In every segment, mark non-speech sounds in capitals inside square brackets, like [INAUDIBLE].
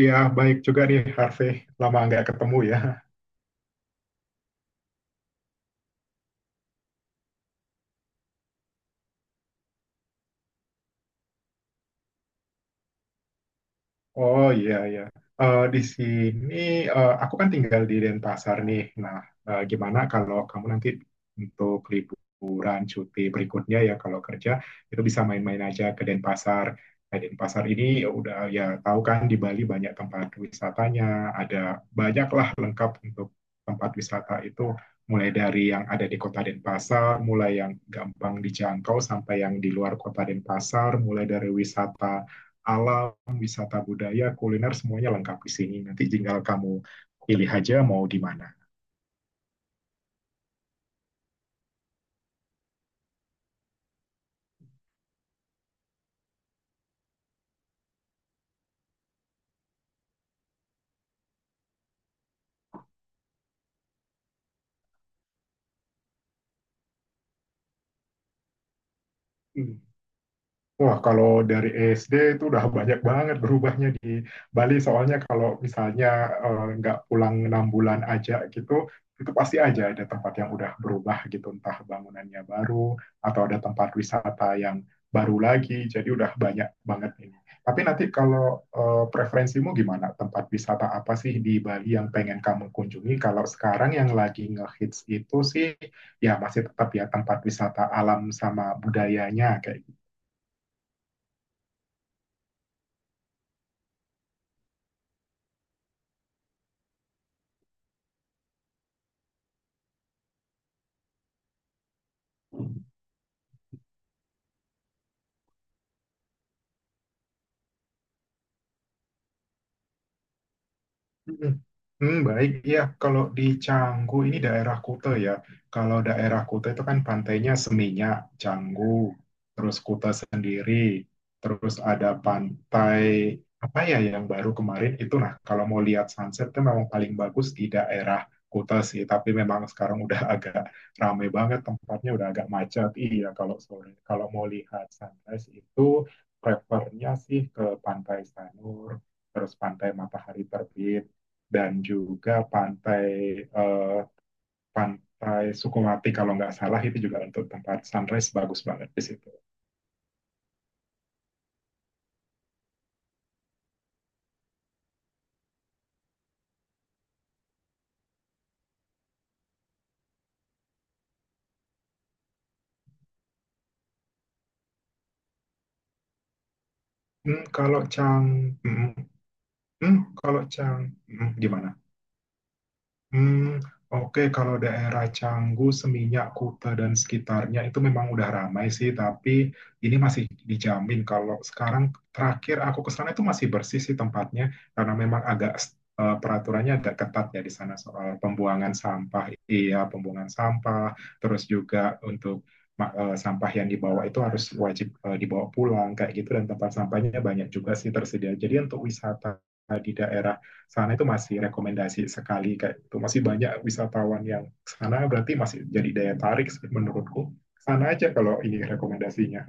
Iya, baik juga nih Harvey. Lama nggak ketemu ya. [LAUGHS] Oh iya iya. Di sini, aku kan tinggal di Denpasar nih. Nah, gimana kalau kamu nanti untuk liburan cuti berikutnya, ya kalau kerja itu bisa main-main aja ke Denpasar. Nah, Denpasar ini ya udah ya, tahu kan di Bali banyak tempat wisatanya, ada banyaklah lengkap untuk tempat wisata itu, mulai dari yang ada di kota Denpasar, mulai yang gampang dijangkau sampai yang di luar kota Denpasar, mulai dari wisata alam, wisata budaya, kuliner, semuanya lengkap di sini. Nanti tinggal kamu pilih aja mau di mana. Hmm. Wah, kalau dari SD itu udah banyak banget berubahnya di Bali. Soalnya kalau misalnya nggak pulang 6 bulan aja gitu, itu pasti aja ada tempat yang udah berubah gitu, entah bangunannya baru atau ada tempat wisata yang baru lagi. Jadi udah banyak banget ini. Tapi nanti kalau preferensimu gimana? Tempat wisata apa sih di Bali yang pengen kamu kunjungi? Kalau sekarang yang lagi ngehits itu sih ya masih tetap ya tempat wisata alam sama budayanya kayak Hmm, hmm, baik, ya. Kalau di Canggu ini daerah Kuta ya. Kalau daerah Kuta itu kan pantainya Seminyak, Canggu, terus Kuta sendiri, terus ada pantai apa ya yang baru kemarin itu. Nah, kalau mau lihat sunset itu memang paling bagus di daerah Kuta sih. Tapi memang sekarang udah [LAUGHS] agak rame banget tempatnya, udah agak macet. Iya, kalau sore, kalau mau lihat sunrise itu prefernya sih ke Pantai Sanur, terus pantai matahari terbit dan juga eh, pantai Sukumati kalau nggak salah, itu juga untuk tempat sunrise bagus banget di situ. Hmm, kalau Chang, hmm, hmm, hmm, kalau Chang, gimana? Hmm, oke, kalau daerah Canggu, Seminyak, Kuta, dan sekitarnya itu memang udah ramai sih, tapi ini masih dijamin. Kalau sekarang, terakhir aku ke sana itu masih bersih sih tempatnya, karena memang agak peraturannya agak ketat ya di sana soal pembuangan sampah, iya pembuangan sampah, terus juga untuk sampah yang dibawa itu harus wajib dibawa pulang kayak gitu, dan tempat sampahnya banyak juga sih tersedia. Jadi untuk wisata di daerah sana itu masih rekomendasi sekali, kayak itu masih banyak wisatawan yang sana, berarti masih jadi daya tarik. Menurutku sana aja kalau ini rekomendasinya.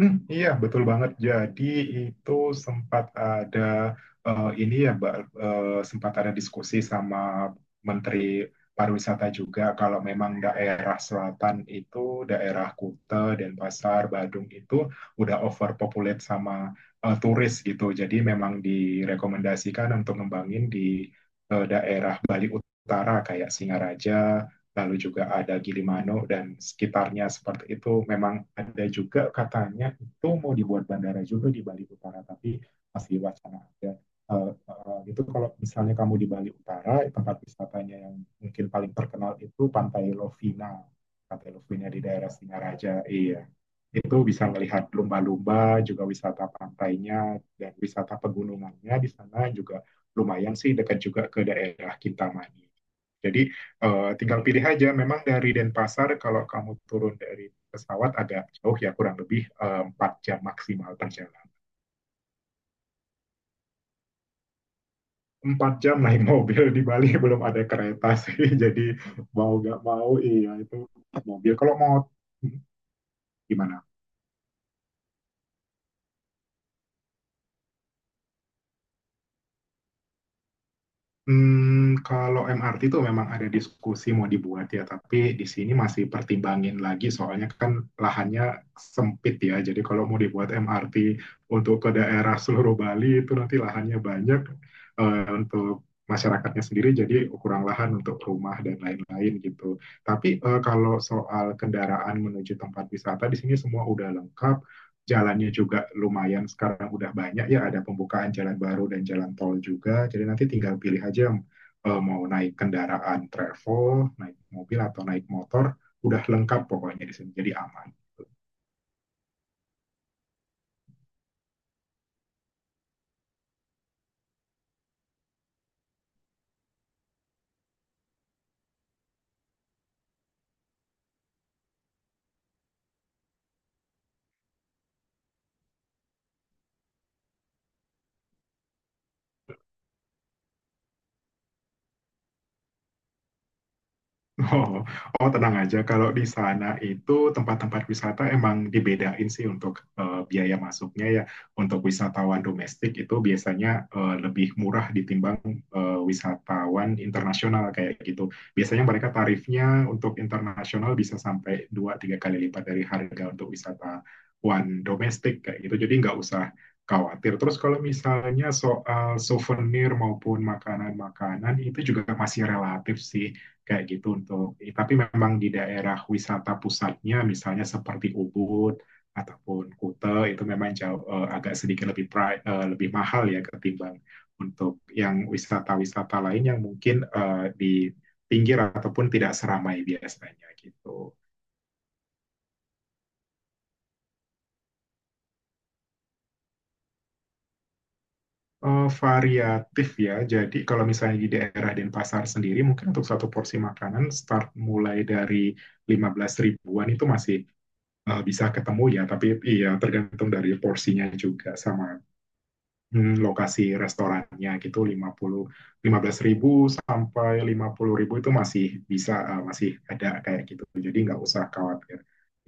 Hmm, iya, betul banget. Jadi itu sempat ada ini ya, Mbak, eh, sempat ada diskusi sama Menteri Pariwisata juga kalau memang daerah selatan itu, daerah Kuta, Denpasar, Badung itu udah overpopulate sama turis gitu. Jadi memang direkomendasikan untuk ngembangin di daerah Bali Utara kayak Singaraja, lalu juga ada Gilimanuk dan sekitarnya, seperti itu. Memang ada juga katanya itu mau dibuat bandara juga di Bali Utara, tapi masih wacana ada. Itu kalau misalnya kamu di Bali Utara, tempat wisatanya yang mungkin paling terkenal itu Pantai Lovina. Pantai Lovina di daerah Singaraja, iya. Itu bisa melihat lumba-lumba, juga wisata pantainya, dan wisata pegunungannya di sana juga lumayan sih, dekat juga ke daerah Kintamani. Jadi tinggal pilih aja, memang dari Denpasar kalau kamu turun dari pesawat agak jauh ya, kurang lebih 4 jam maksimal perjalanan. 4 jam naik [LAUGHS] mobil, di Bali belum ada kereta sih, [LAUGHS] jadi mau nggak mau iya itu mobil. Kalau mau hmm, gimana? Kalau MRT itu memang ada diskusi mau dibuat ya, tapi di sini masih pertimbangin lagi soalnya kan lahannya sempit ya. Jadi kalau mau dibuat MRT untuk ke daerah seluruh Bali itu nanti lahannya banyak untuk masyarakatnya sendiri, jadi kurang lahan untuk rumah dan lain-lain gitu. Tapi kalau soal kendaraan menuju tempat wisata di sini semua udah lengkap, jalannya juga lumayan, sekarang udah banyak ya ada pembukaan jalan baru dan jalan tol juga. Jadi nanti tinggal pilih aja yang mau naik kendaraan travel, naik mobil atau naik motor, udah lengkap pokoknya di sini. Jadi aman. Oh, oh, tenang aja. Kalau di sana itu tempat-tempat wisata emang dibedain sih untuk biaya masuknya ya. Untuk wisatawan domestik itu biasanya lebih murah ditimbang wisatawan internasional kayak gitu. Biasanya mereka tarifnya untuk internasional bisa sampai dua tiga kali lipat dari harga untuk wisatawan domestik kayak gitu. Jadi nggak usah khawatir. Terus kalau misalnya soal souvenir maupun makanan-makanan itu juga masih relatif sih kayak gitu untuk, tapi memang di daerah wisata pusatnya misalnya seperti Ubud ataupun Kuta itu memang jauh, agak sedikit lebih lebih mahal ya ketimbang untuk yang wisata-wisata lain yang mungkin di pinggir ataupun tidak seramai biasanya gitu. Variatif ya. Jadi kalau misalnya di daerah Denpasar sendiri mungkin untuk satu porsi makanan, start mulai dari 15 ribuan itu masih bisa ketemu ya, tapi iya tergantung dari porsinya juga sama lokasi restorannya gitu. Lima lima puluh 15 ribu sampai 50 ribu itu masih bisa, masih ada kayak gitu. Jadi nggak usah khawatir.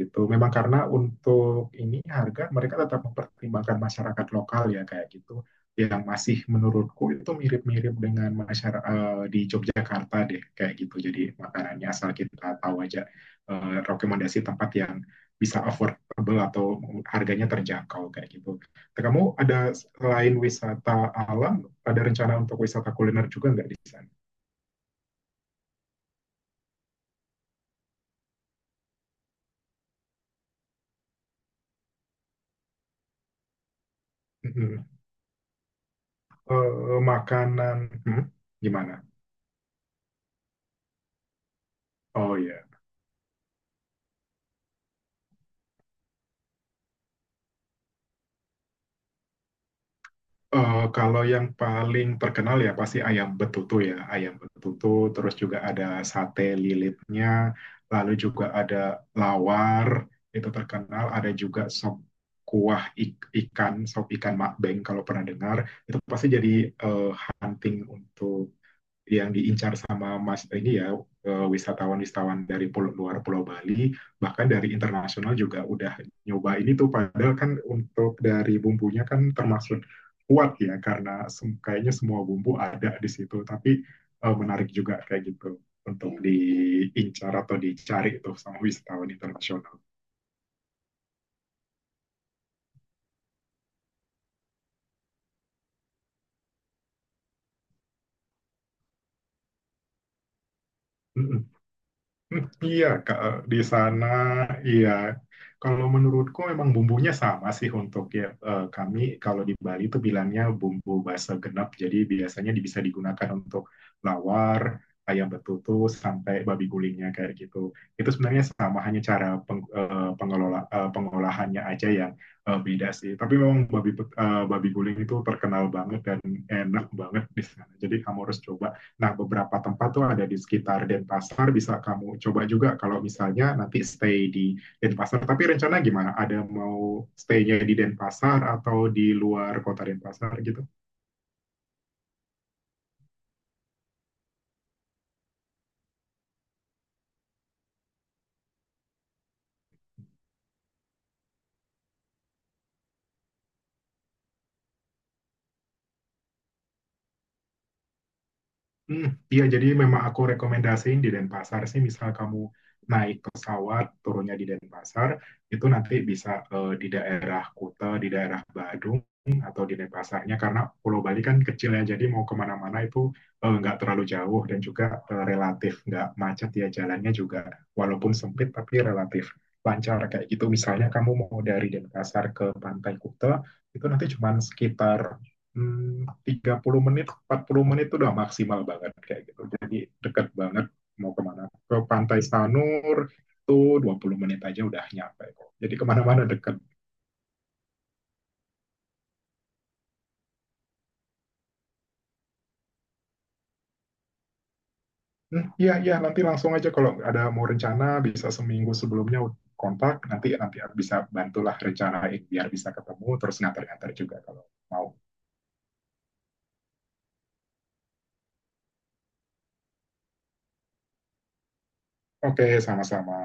Itu memang karena untuk ini harga, mereka tetap mempertimbangkan masyarakat lokal ya kayak gitu, yang masih menurutku itu mirip-mirip dengan masyarakat di Yogyakarta deh kayak gitu. Jadi makanannya asal kita tahu aja rekomendasi tempat yang bisa affordable atau harganya terjangkau kayak gitu. Kamu ada, selain wisata alam, ada rencana untuk wisata kuliner juga nggak di sana? Mhm. Makanan, hmm, gimana? Oh ya. Kalau yang paling terkenal ya pasti ayam betutu ya, ayam betutu. Terus juga ada sate lilitnya, lalu juga ada lawar, itu terkenal. Ada juga sop kuah ikan, sop ikan makbeng kalau pernah dengar. Itu pasti jadi eh, hunting untuk yang diincar sama Mas ini ya. Wisatawan-wisatawan dari pulau, luar Pulau Bali, bahkan dari internasional juga udah nyoba ini tuh, padahal kan untuk dari bumbunya kan termasuk kuat ya, karena kayaknya semua bumbu ada di situ, tapi menarik juga kayak gitu untuk diincar atau dicari tuh sama wisatawan internasional. Mm-mm. [LAUGHS] Hmm, iya, Kak, di sana iya. Kalau menurutku memang bumbunya sama sih untuk ya, kami kalau di Bali itu bilangnya bumbu basa genep. Jadi biasanya bisa digunakan untuk lawar, ayam betutu sampai babi gulingnya kayak gitu. Itu sebenarnya sama, hanya cara pengolahannya aja yang beda sih. Tapi memang babi guling itu terkenal banget dan enak banget di sana. Jadi kamu harus coba. Nah, beberapa tempat tuh ada di sekitar Denpasar, bisa kamu coba juga kalau misalnya nanti stay di Denpasar. Tapi rencana gimana? Ada mau stay-nya di Denpasar atau di luar kota Denpasar gitu? Hmm, iya, jadi memang aku rekomendasiin di Denpasar sih. Misal kamu naik pesawat, turunnya di Denpasar, itu nanti bisa di daerah Kuta, di daerah Badung, atau di Denpasarnya, karena Pulau Bali kan kecil ya, jadi mau kemana-mana itu nggak terlalu jauh, dan juga relatif nggak macet ya jalannya juga, walaupun sempit tapi relatif lancar kayak gitu. Misalnya kamu mau dari Denpasar ke Pantai Kuta, itu nanti cuma sekitar 30 menit, 40 menit, itu udah maksimal banget kayak gitu. Jadi deket banget mau kemana. Ke Pantai Sanur itu 20 menit aja udah nyampe kok. Jadi kemana-mana deket. Hmm, iya, iya, nanti langsung aja kalau ada mau rencana, bisa seminggu sebelumnya kontak, nanti nanti bisa bantulah rencanain biar bisa ketemu, terus nganter-nganter juga kalau mau. Oke, sama-sama.